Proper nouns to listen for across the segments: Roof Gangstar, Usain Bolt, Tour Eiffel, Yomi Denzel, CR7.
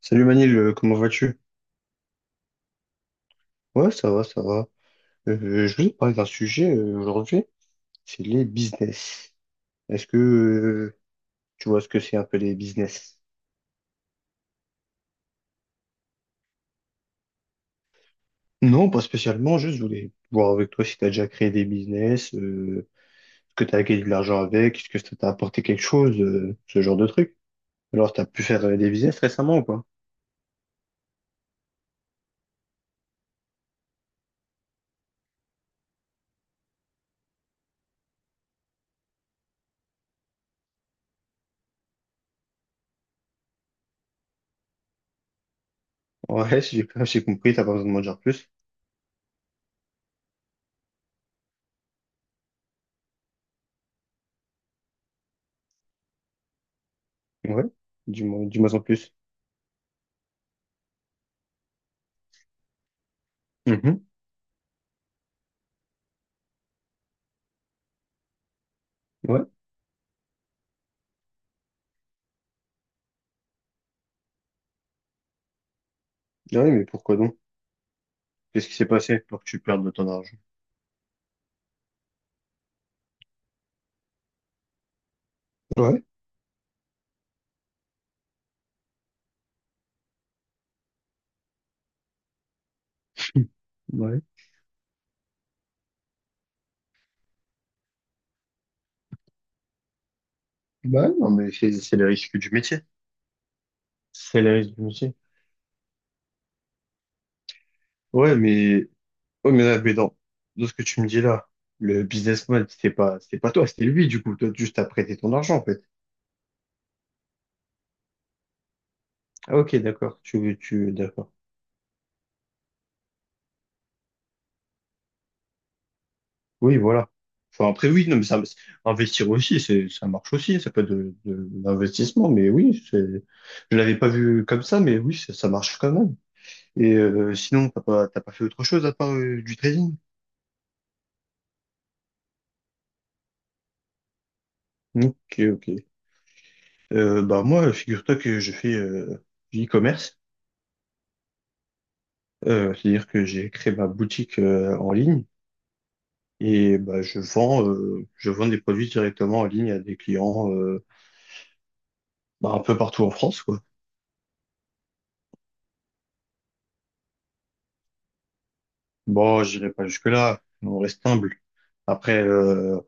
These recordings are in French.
Salut Manil, comment vas-tu? Ouais, ça va, ça va. Je voulais te parler d'un sujet aujourd'hui, c'est les business. Est-ce que tu vois ce que c'est un peu les business? Non, pas spécialement, juste je voulais voir avec toi si tu as déjà créé des business, est-ce que tu as gagné de l'argent avec, est-ce que ça t'a apporté quelque chose, ce genre de truc. Alors, tu as pu faire des business récemment ou pas? Ouais, j'ai compris, t'as pas besoin de m'en dire plus. Ouais, dis-moi, dis-moi en plus. Mhm. Ouais. Ouais, mais pourquoi donc? Qu'est-ce qui s'est passé pour que tu perdes autant d'argent? Ouais. Ouais. Bah non, mais c'est les risques du métier. C'est les risques du métier. Ouais, mais, ouais, mais, là, dans ce que tu me dis là, le businessman, c'était pas toi, c'était lui, du coup. Toi, juste t'as prêté ton argent, en fait. Ah, ok, d'accord. Tu veux, tu, d'accord. Oui, voilà. Enfin, après, oui, non, mais ça, investir aussi, c'est, ça marche aussi. Ça peut être de l'investissement, mais oui, c'est, je l'avais pas vu comme ça, mais oui, ça marche quand même. Et sinon, t'as pas fait autre chose à part du trading? Ok, ok. Bah moi, figure-toi que je fais du e-commerce. C'est-à-dire que j'ai créé ma boutique en ligne et bah, je vends des produits directement en ligne à des clients bah, un peu partout en France, quoi. Bon, j'irai pas jusque-là, on reste humble. Après,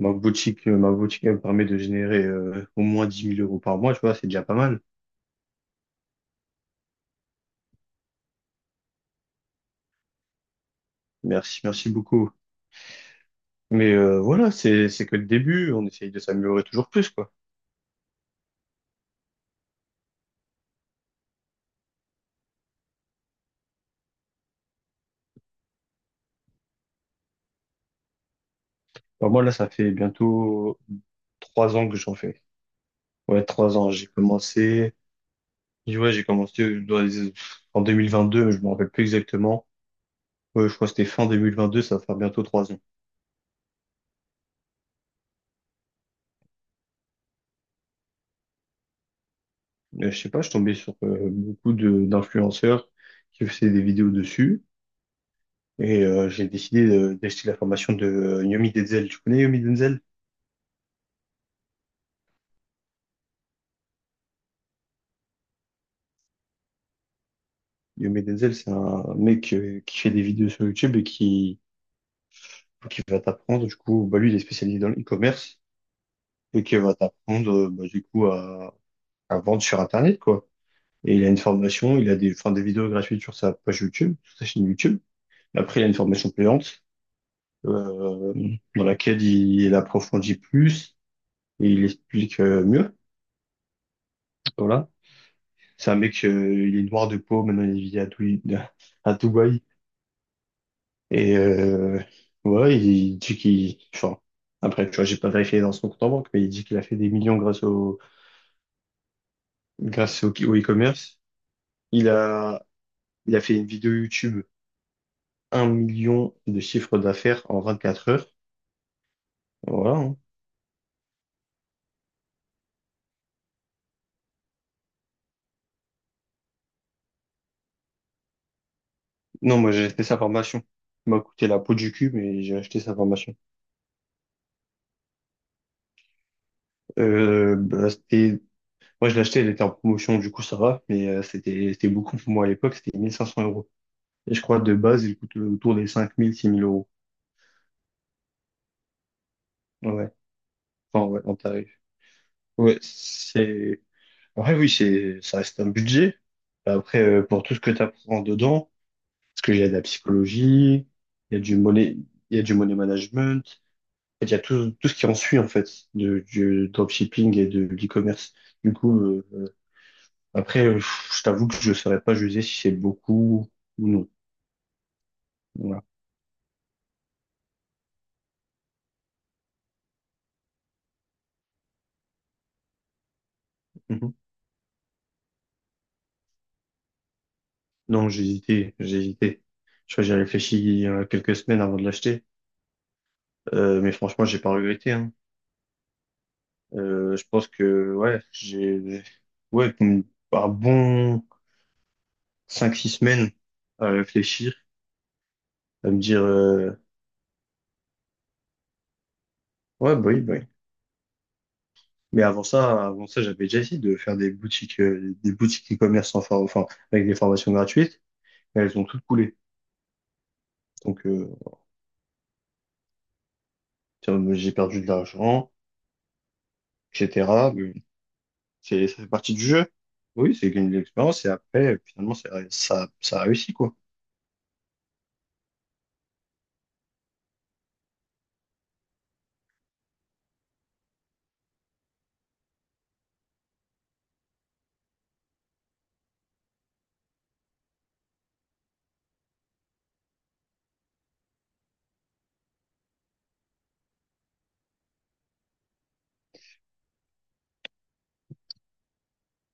ma boutique elle me permet de générer au moins 10 000 € par mois, tu vois, c'est déjà pas mal. Merci, merci beaucoup. Mais voilà, c'est que le début, on essaye de s'améliorer toujours plus, quoi. Bah, moi, là, ça fait bientôt trois ans que j'en fais. Ouais, trois ans. J'ai commencé, ouais, j'ai commencé dans les- en 2022, mais je me rappelle plus exactement. Ouais, je crois que c'était fin 2022, ça va faire bientôt trois ans. Je sais pas, je suis tombé sur beaucoup de d'influenceurs qui faisaient des vidéos dessus et j'ai décidé d'acheter la formation de Yomi Denzel. Tu connais Yomi Denzel? Yomi Denzel, c'est un mec qui fait des vidéos sur YouTube et qui va t'apprendre. Du coup, bah, lui, il est spécialisé dans l'e-commerce. Et qui va t'apprendre, bah, du coup, à vendre sur Internet, quoi. Et il a une formation, il a des, enfin, des vidéos gratuites sur sa page YouTube, sur sa chaîne YouTube. Après, il a une formation payante, euh, dans laquelle il approfondit plus et il explique mieux. Voilà. C'est un mec, il est noir de peau, maintenant il vit à, à Dubaï. Et ouais, il dit qu'il… Enfin, après, tu vois, j'ai pas vérifié dans son compte en banque, mais il dit qu'il a fait des millions grâce au au e-commerce. Il a, il a fait une vidéo YouTube, 1 million de chiffre d'affaires en 24 heures. Voilà, hein. Non, moi j'ai acheté sa formation. Il m'a coûté la peau du cul, mais j'ai acheté sa formation. Bah, c'était… Moi je l'ai acheté, elle était en promotion, du coup ça va, mais c'était beaucoup pour moi à l'époque, c'était 1500 euros. Et je crois de base, il coûte autour des 5000, 6000 euros. Ouais, enfin ouais, en tarif. Ouais, c'est… Ouais, oui, c'est, ça reste un budget. Après, pour tout ce que tu apprends dedans, parce qu'il y a de la psychologie, il y a du money, il y a du money management. En fait, il y a tout, tout ce qui en suit, en fait, de, du dropshipping et de l'e-commerce. Du coup, après, je t'avoue que je ne saurais pas juger si c'est beaucoup ou non. Voilà. Mhm. Non, j'ai hésité, j'ai hésité. Je crois que j'ai réfléchi il y a quelques semaines avant de l'acheter. Mais franchement, j'ai pas regretté, hein. Je pense que, ouais, j'ai, ouais, un bon cinq six semaines à réfléchir, à me dire, ouais, bah oui, bah oui. Mais avant ça, j'avais déjà essayé de faire des boutiques e-commerce sans for- enfin, avec des formations gratuites, mais elles ont toutes coulé. Donc, tiens, mais j'ai perdu de l'argent, etc. Mais c'est, ça fait partie du jeu. Oui, c'est gagner de l'expérience et après, finalement, ça a réussi, quoi.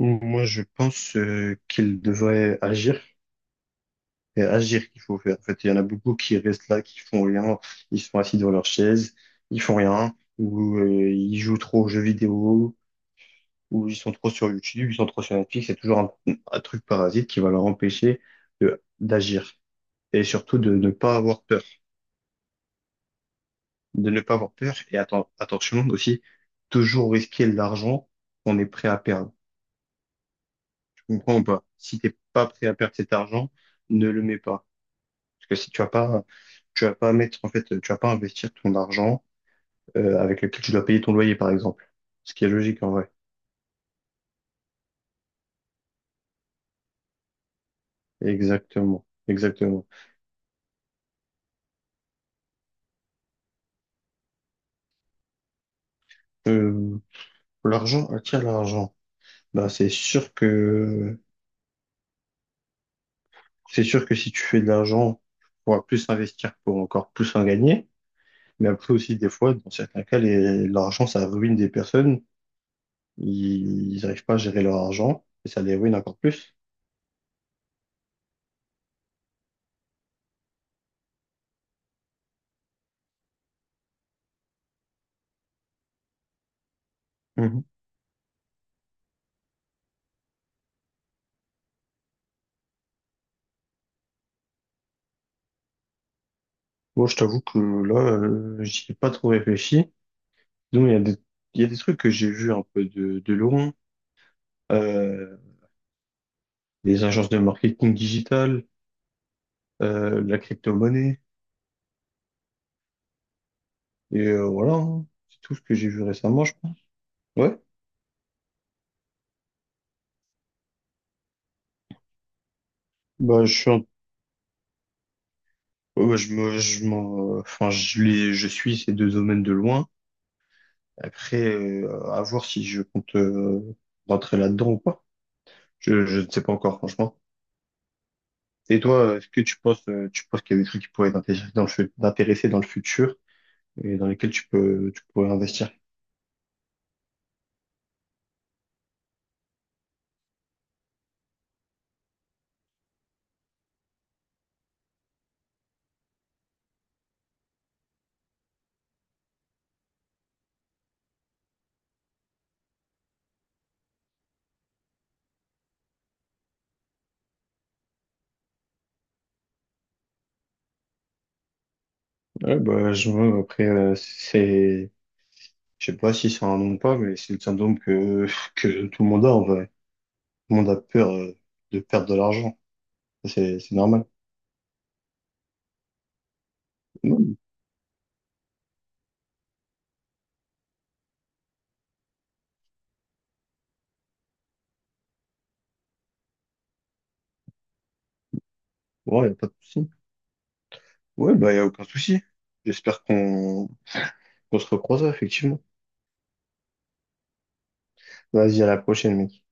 Donc, moi, je pense, qu'il devrait agir. C'est agir qu'il faut faire. En fait, il y en a beaucoup qui restent là, qui font rien, ils sont assis dans leur chaise, ils font rien, ou, ils jouent trop aux jeux vidéo ou ils sont trop sur YouTube, ils sont trop sur Netflix, c'est toujours un truc parasite qui va leur empêcher de d'agir et surtout de ne pas avoir peur, de ne pas avoir peur et attention aussi, toujours risquer l'argent qu'on est prêt à perdre. Tu comprends ou pas? Si t'es pas prêt à perdre cet argent, ne le mets pas, parce que si tu vas pas, tu vas pas mettre, en fait tu vas pas investir ton argent avec lequel tu dois payer ton loyer par exemple, ce qui est logique en vrai. Exactement, exactement. Euh, L'argent attire l'argent. Bah, c'est sûr que si tu fais de l'argent, tu pourras plus investir pour encore plus en gagner. Mais après aussi, des fois, dans certains cas, les- l'argent, ça ruine des personnes. Ils n'arrivent pas à gérer leur argent et ça les ruine encore plus. Mhm. Moi, je t'avoue que là, j'y ai pas trop réfléchi. Donc, il y a des, il y a des trucs que j'ai vus un peu de loin. Euh, les agences de marketing digital, la crypto-monnaie, et voilà, hein. C'est tout ce que j'ai vu récemment, je pense. Ouais, bah, je suis un- ouais, je me, je m'en, enfin, je les, je suis ces deux domaines de loin. Après, à voir si je compte rentrer là-dedans ou pas. Je ne sais pas encore, franchement. Et toi, est-ce que tu penses qu'il y a des trucs qui pourraient t'intéresser dans le, t'intéresser dans le futur et dans lesquels tu peux, tu pourrais investir? Ouais, bah, je vois, après, c'est, je sais pas si c'est un nom ou pas, mais c'est le syndrome que, que tout le monde a en vrai. Tout le monde a peur de perdre de l'argent. Ça, c'est normal. Non, ouais, y a pas de souci. Ouais, bah, y a aucun souci. J'espère qu'on, qu'on se recroisera, effectivement. Vas-y, à la prochaine, mec.